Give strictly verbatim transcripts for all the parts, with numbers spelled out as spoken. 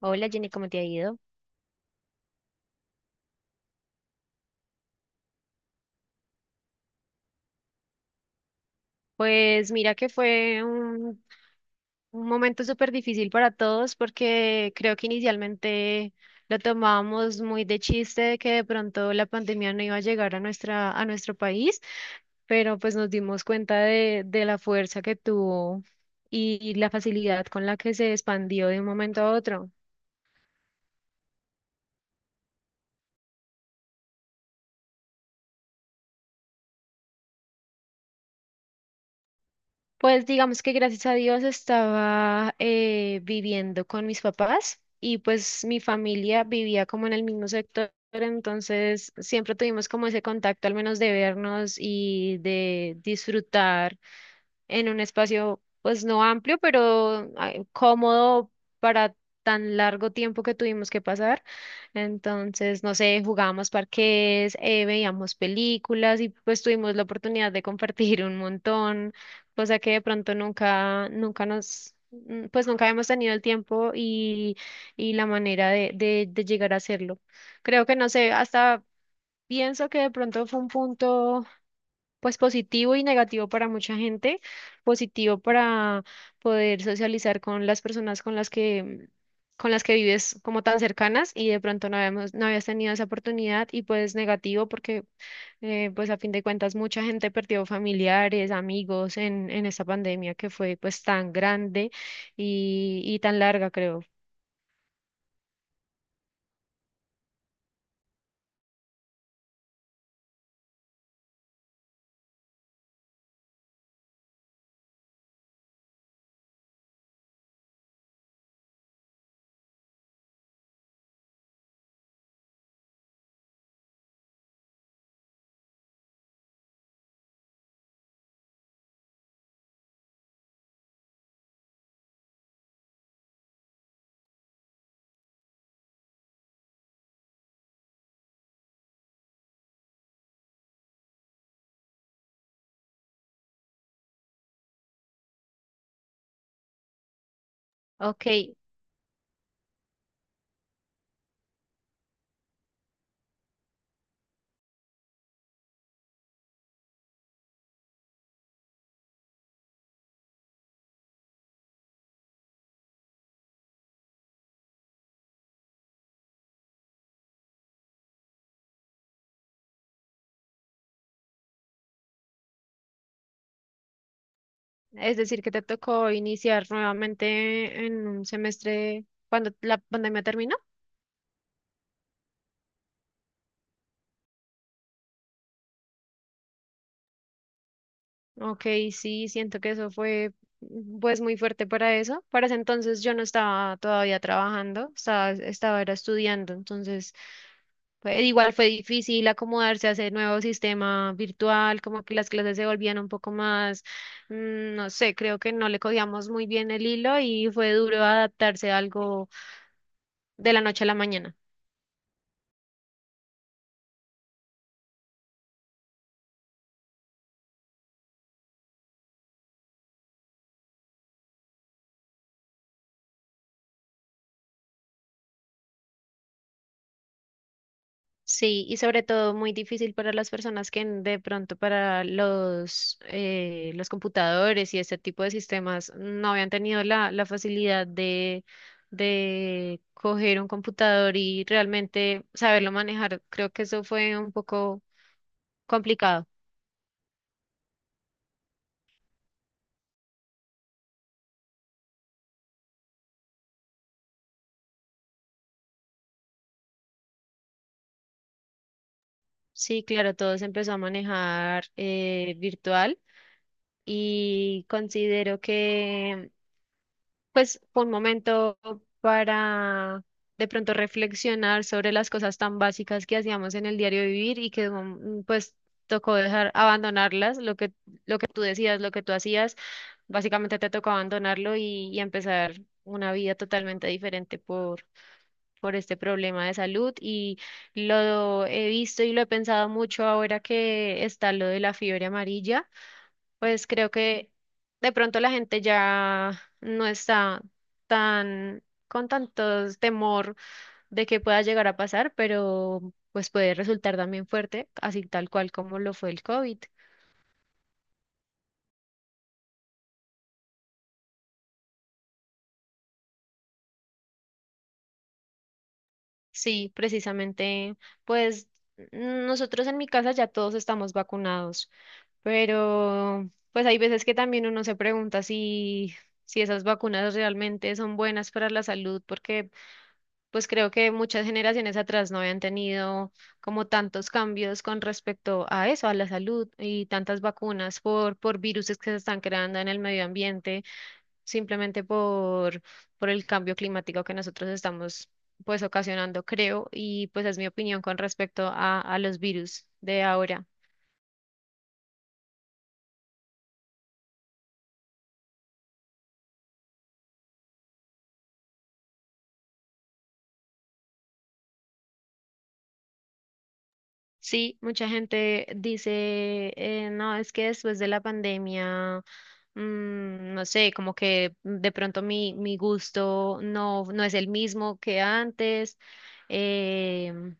Hola Jenny, ¿cómo te ha ido? Pues mira que fue un, un momento súper difícil para todos porque creo que inicialmente lo tomábamos muy de chiste de que de pronto la pandemia no iba a llegar a nuestra, a nuestro país, pero pues nos dimos cuenta de, de la fuerza que tuvo y, y la facilidad con la que se expandió de un momento a otro. Pues digamos que gracias a Dios estaba eh, viviendo con mis papás y pues mi familia vivía como en el mismo sector, entonces siempre tuvimos como ese contacto al menos de vernos y de disfrutar en un espacio pues no amplio, pero ah, cómodo para tan largo tiempo que tuvimos que pasar. Entonces, no sé, jugábamos parqués, eh, veíamos películas y pues tuvimos la oportunidad de compartir un montón, cosa que de pronto nunca, nunca nos, mm, pues nunca hemos tenido el tiempo y, y la manera de, de de llegar a hacerlo. Creo que no sé, hasta pienso que de pronto fue un punto pues positivo y negativo para mucha gente, positivo para poder socializar con las personas con las que con las que vives como tan cercanas y de pronto no habíamos, no habías tenido esa oportunidad y pues negativo porque eh, pues a fin de cuentas mucha gente perdió familiares, amigos en, en esta pandemia que fue pues tan grande y, y tan larga creo. Ok, es decir que te tocó iniciar nuevamente en un semestre cuando la pandemia terminó. Ok, sí, siento que eso fue mm, pues muy fuerte para eso. Para ese entonces yo no estaba todavía trabajando, estaba, estaba era estudiando, entonces pues, igual fue difícil acomodarse a ese nuevo sistema virtual, como que las clases se volvían un poco más, mm, no sé, creo que no le cogíamos muy bien el hilo y fue duro adaptarse a algo de la noche a la mañana. Sí, y sobre todo muy difícil para las personas que en- de pronto para los, eh, los computadores y este tipo de sistemas no habían tenido la, la facilidad de, de coger un computador y realmente saberlo manejar. Creo que eso fue un poco complicado. Sí, claro, todo se empezó a manejar eh, virtual y considero que pues fue un momento para de pronto reflexionar sobre las cosas tan básicas que hacíamos en el diario vivir y que mm, pues tocó dejar abandonarlas, lo que, que tú decías, lo que tú hacías, básicamente te tocó abandonarlo y, y empezar una vida totalmente diferente por este problema de salud y lo he visto y lo he pensado mucho ahora que está lo de la fiebre amarilla, pues creo que de pronto la gente ya no está tan con tanto temor de que pueda llegar a pasar, pero pues puede resultar también fuerte, así tal cual como lo fue el COVID. Sí, precisamente, pues nosotros en mi casa ya todos estamos vacunados. Pero pues hay veces que también uno se pregunta si, si esas vacunas realmente son buenas para la salud, porque pues creo que muchas generaciones atrás no habían tenido como tantos cambios con respecto a eso, a la salud y tantas vacunas por, por virus que se están creando en el medio ambiente, simplemente por, por el cambio climático que nosotros estamos pues ocasionando, creo, y pues es mi opinión con respecto a, a los virus de ahora. Sí, mucha gente dice, eh, no, es que después de la pandemia, mm, no sé, como que de pronto mi, mi gusto no, no es el mismo que antes. em,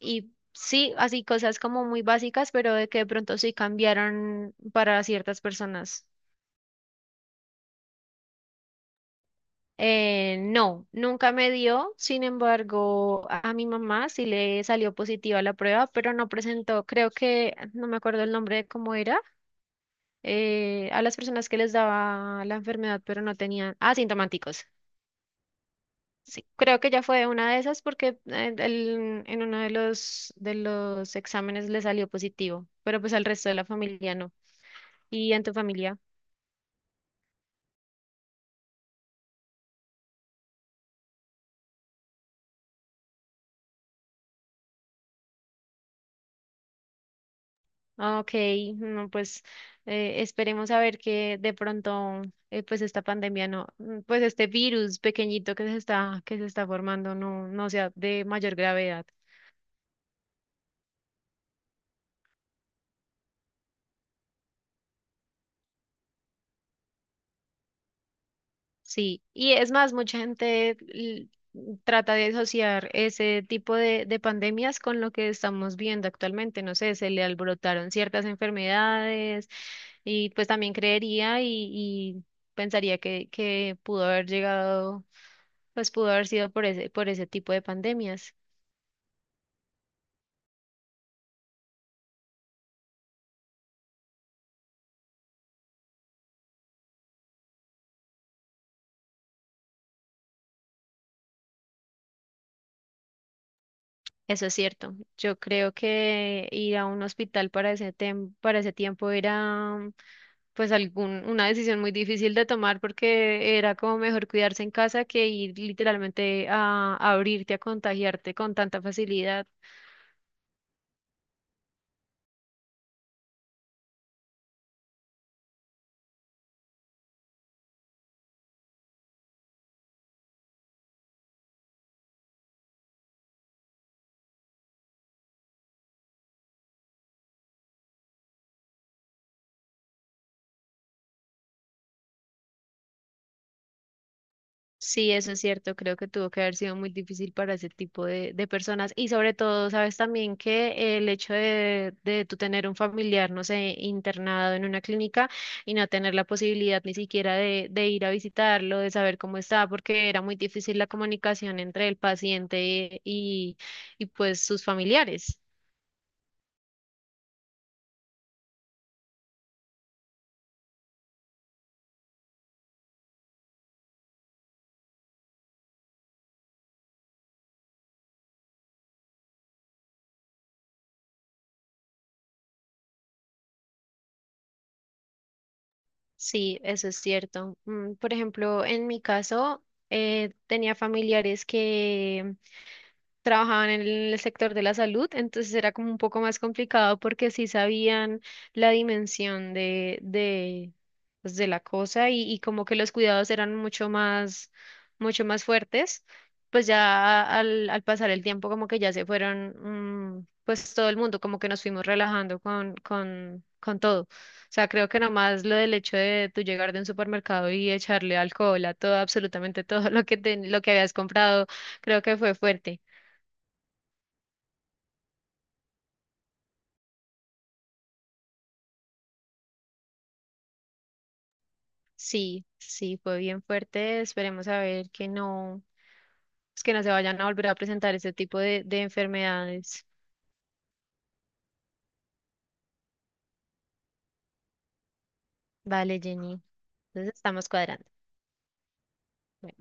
y sí, así cosas como muy básicas, pero de que de pronto sí cambiaron para ciertas personas. Eh, no, nunca me dio, sin embargo, a a mi mamá sí le salió positiva la prueba, pero no presentó, creo que, no me acuerdo el nombre de cómo era eh, a las personas que les daba la enfermedad, pero no tenían asintomáticos. Sí, creo que ya fue una de esas porque eh, el- en uno de los, de los exámenes le salió positivo, pero pues al resto de la familia no. ¿Y en tu familia? Ah, Ok, no, pues eh, esperemos a ver que de pronto eh, pues esta pandemia no, mm, pues este virus pequeñito que se está, que se está formando no, no sea de mayor gravedad. Sí, y es más, mucha gente l- trata de asociar ese tipo de, de pandemias con lo que estamos viendo actualmente. No sé, se le alborotaron ciertas enfermedades y pues también creería y, y pensaría que, que pudo haber llegado, pues pudo haber sido por ese, por ese tipo de pandemias. Eso es cierto. Yo creo que ir a un hospital para ese tem- para ese tiempo era pues algún, una decisión muy difícil de tomar porque era como mejor cuidarse en casa que ir literalmente a, a abrirte, a contagiarte con tanta facilidad. Sí, eso es cierto, creo que tuvo que haber sido muy difícil para ese tipo de, de personas y sobre todo, sabes también que el hecho de, de tú tener un familiar, no sé, internado en una clínica y no tener la posibilidad ni siquiera de, de ir a visitarlo, de saber cómo está, porque era muy difícil la comunicación entre el paciente y, y pues sus familiares. Sí, eso es cierto. Mm, Por ejemplo, en mi caso, eh, tenía familiares que trabajaban en el sector de la salud, entonces era como un poco más complicado porque sí sabían la dimensión de, de, pues, de la cosa y, y como que los cuidados eran mucho más, mucho más fuertes, pues ya al, al pasar el tiempo como que ya se fueron, mm, pues todo el mundo como que nos fuimos relajando con, con, con todo. O sea, creo que nomás lo del hecho de tú llegar de un supermercado y echarle alcohol a todo, absolutamente todo lo que, te- lo que habías comprado, creo que fue fuerte. Sí, sí, fue bien fuerte. Esperemos a ver que no, pues que no se vayan a volver a presentar este tipo de, de enfermedades. Vale, Jenny. Entonces estamos cuadrando. Bueno.